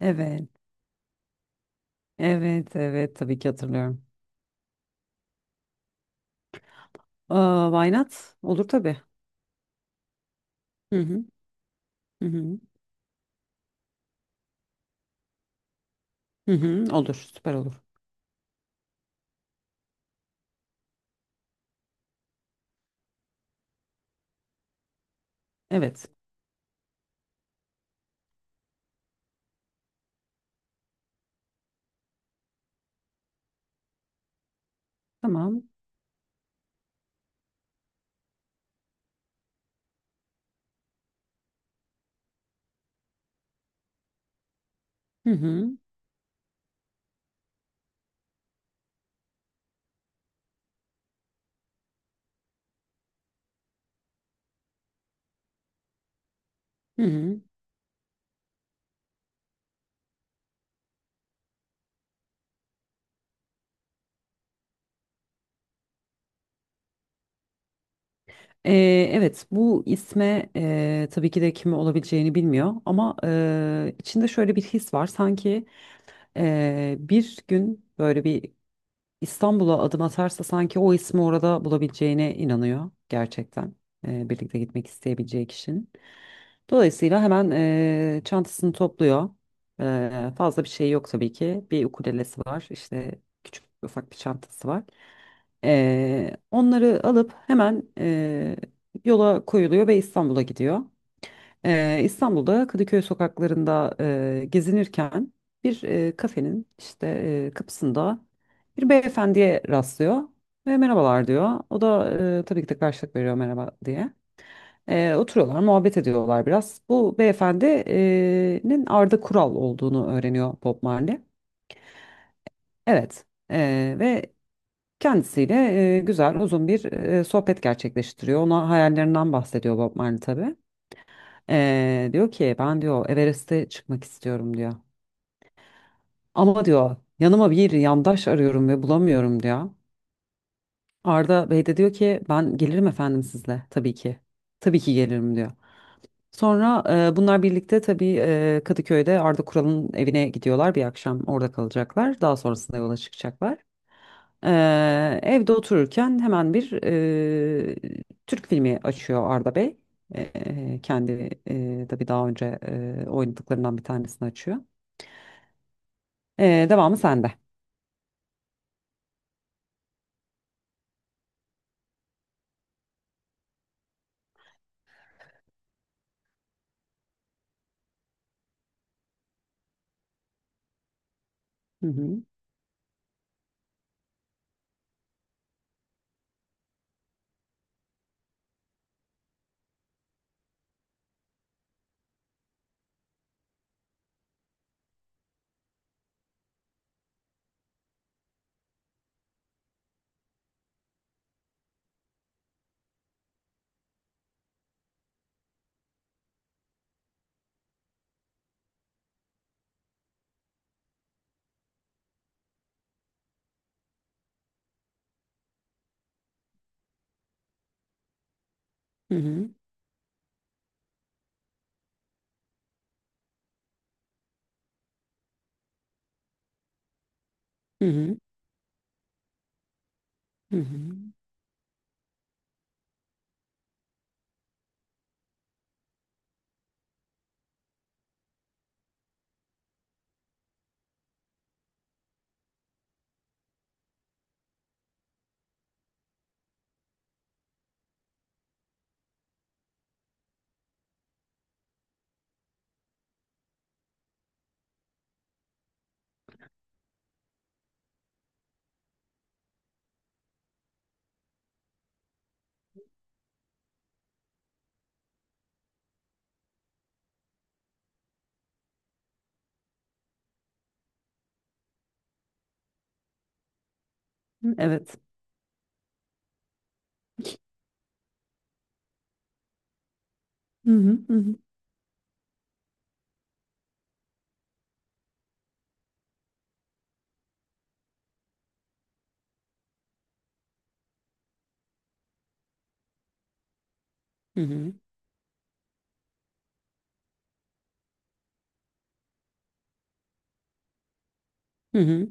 Evet, evet, evet tabii ki hatırlıyorum. Aa, why not? Olur tabii. Hı hı, hı hı, hı hı, olur, süper olur. Evet, tamam. Hı hı, hı hı. Evet, bu isme tabii ki de kimi olabileceğini bilmiyor ama içinde şöyle bir his var. Sanki bir gün böyle bir İstanbul'a adım atarsa sanki o ismi orada bulabileceğine inanıyor gerçekten. Birlikte gitmek isteyebileceği kişinin. Dolayısıyla hemen çantasını topluyor. Fazla bir şey yok tabii ki. Bir ukulelesi var, işte küçük ufak bir çantası var. Onları alıp hemen yola koyuluyor ve İstanbul'a gidiyor. İstanbul'da Kadıköy sokaklarında gezinirken bir kafenin işte kapısında bir beyefendiye rastlıyor ve merhabalar diyor. O da tabii ki de karşılık veriyor merhaba diye. Oturuyorlar, muhabbet ediyorlar biraz. Bu beyefendinin Arda Kural olduğunu öğreniyor Bob Marley. Evet. Ve kendisiyle güzel, uzun bir sohbet gerçekleştiriyor. Ona hayallerinden bahsediyor Bob Marley tabii. Diyor ki ben diyor Everest'e çıkmak istiyorum diyor. Ama diyor yanıma bir yandaş arıyorum ve bulamıyorum diyor. Arda Bey de diyor ki ben gelirim efendim sizle tabii ki. Tabii ki gelirim diyor. Sonra bunlar birlikte tabii Kadıköy'de Arda Kural'ın evine gidiyorlar bir akşam orada kalacaklar. Daha sonrasında yola çıkacaklar. Evde otururken hemen bir Türk filmi açıyor Arda Bey. Kendi tabii daha önce oynadıklarından bir tanesini açıyor. Devamı sende. Hı hı. Hı hı. Hı hı. Hı hı. Evet. Hı hı. Hı hı. Hı hı. Hı hı.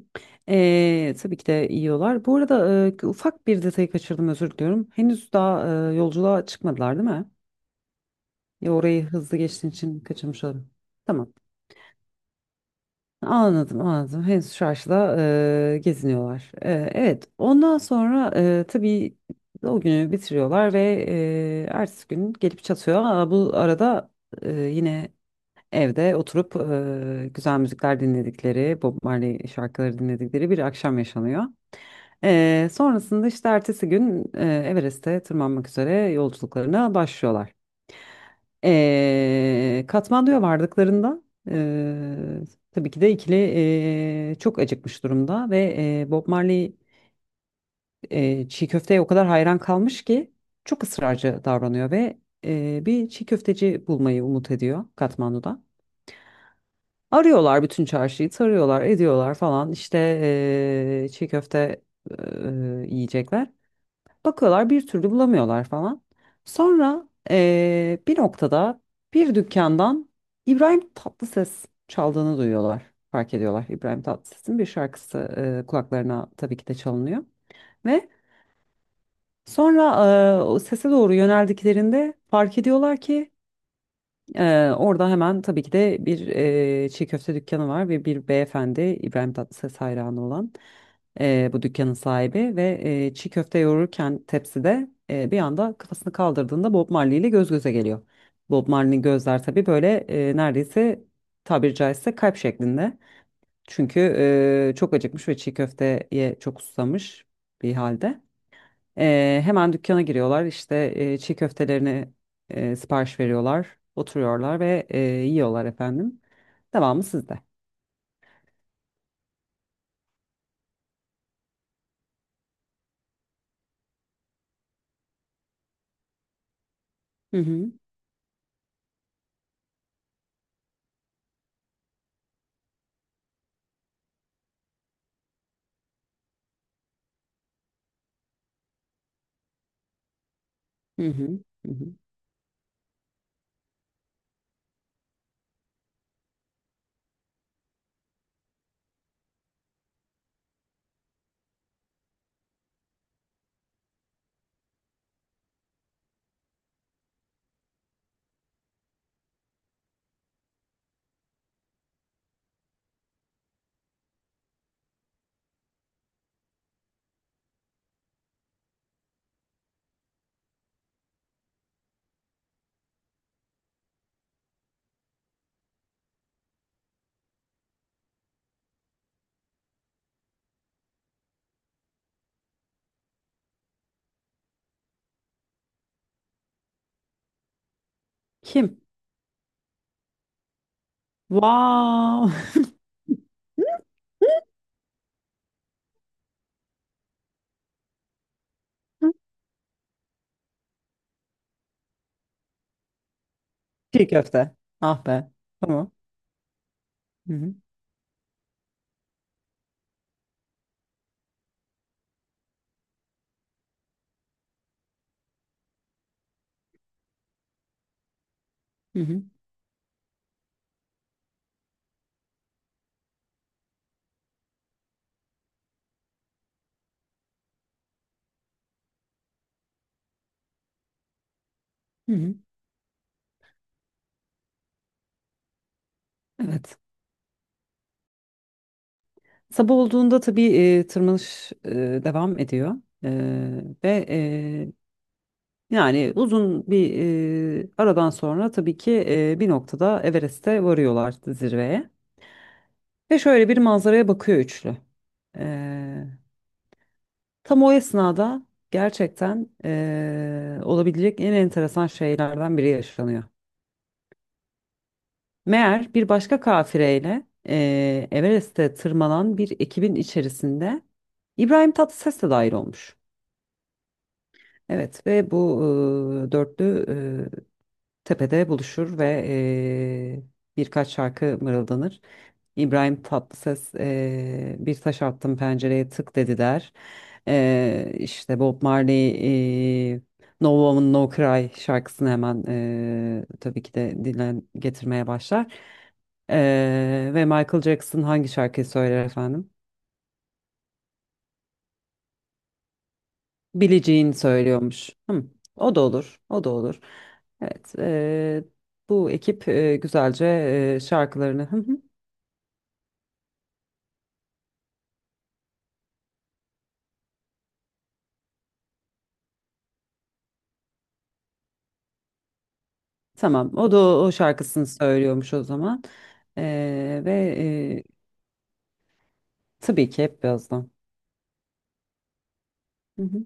Tabii ki de yiyorlar. Bu arada ufak bir detayı kaçırdım özür diliyorum. Henüz daha yolculuğa çıkmadılar değil mi? Ya orayı hızlı geçtiğin için kaçırmış oldum. Tamam. Anladım, anladım. Henüz çarşıda geziniyorlar. Evet. Ondan sonra tabii o günü bitiriyorlar ve ertesi gün gelip çatıyor. Aa, bu arada yine evde oturup güzel müzikler dinledikleri, Bob Marley şarkıları dinledikleri bir akşam yaşanıyor. Sonrasında işte ertesi gün Everest'e tırmanmak üzere yolculuklarına başlıyorlar. Katmandu'ya vardıklarında e, tabii ki de ikili çok acıkmış durumda ve Bob Marley çiğ köfteye o kadar hayran kalmış ki çok ısrarcı davranıyor ve bir çiğ köfteci bulmayı umut ediyor Katmandu'da. Arıyorlar bütün çarşıyı, tarıyorlar, ediyorlar falan işte çiğ köfte yiyecekler. Bakıyorlar bir türlü bulamıyorlar falan. Sonra bir noktada bir dükkandan İbrahim Tatlıses çaldığını duyuyorlar. Fark ediyorlar İbrahim Tatlıses'in bir şarkısı kulaklarına tabii ki de çalınıyor. Ve sonra o sese doğru yöneldiklerinde fark ediyorlar ki orada hemen tabii ki de bir çiğ köfte dükkanı var ve bir beyefendi İbrahim Tatlıses hayranı olan bu dükkanın sahibi ve çiğ köfte yoğururken tepside bir anda kafasını kaldırdığında Bob Marley ile göz göze geliyor. Bob Marley'nin gözler tabii böyle neredeyse tabiri caizse kalp şeklinde. Çünkü çok acıkmış ve çiğ köfteye çok susamış bir halde. Hemen dükkana giriyorlar işte çiğ köftelerini sipariş veriyorlar. Oturuyorlar ve yiyorlar efendim. Devamı sizde. Hı hı, hı hı, hı hı. Kim? Wow. Çiğ köfte. Ah be. Tamam. Hı hı, hı hı, hı hı. Evet. Sabah olduğunda tabii tırmanış devam ediyor E, ve yani uzun bir aradan sonra tabii ki bir noktada Everest'e varıyorlar zirveye ve şöyle bir manzaraya bakıyor üçlü. E, Tam o esnada gerçekten olabilecek en enteresan şeylerden biri yaşanıyor. Meğer bir başka kafireyle Everest'e tırmanan bir ekibin içerisinde İbrahim Tatlıses de dahil olmuş. Evet ve bu dörtlü e, tepede buluşur ve birkaç şarkı mırıldanır. İbrahim Tatlıses bir taş attım pencereye tık dedi der. İşte Bob Marley No Woman No Cry şarkısını hemen tabii ki de dilen getirmeye başlar. Ve Michael Jackson hangi şarkıyı söyler efendim? Bileceğini söylüyormuş. Hı, o da olur, o da olur. Evet, bu ekip güzelce şarkılarını. Hı hı. Tamam, o da o şarkısını söylüyormuş o zaman. Ve e, tabii ki hep birazdan. Hı hı.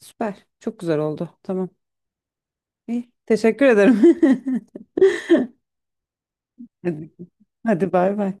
Süper, çok güzel oldu. Tamam. İyi, teşekkür ederim. Hadi, hadi bay bay.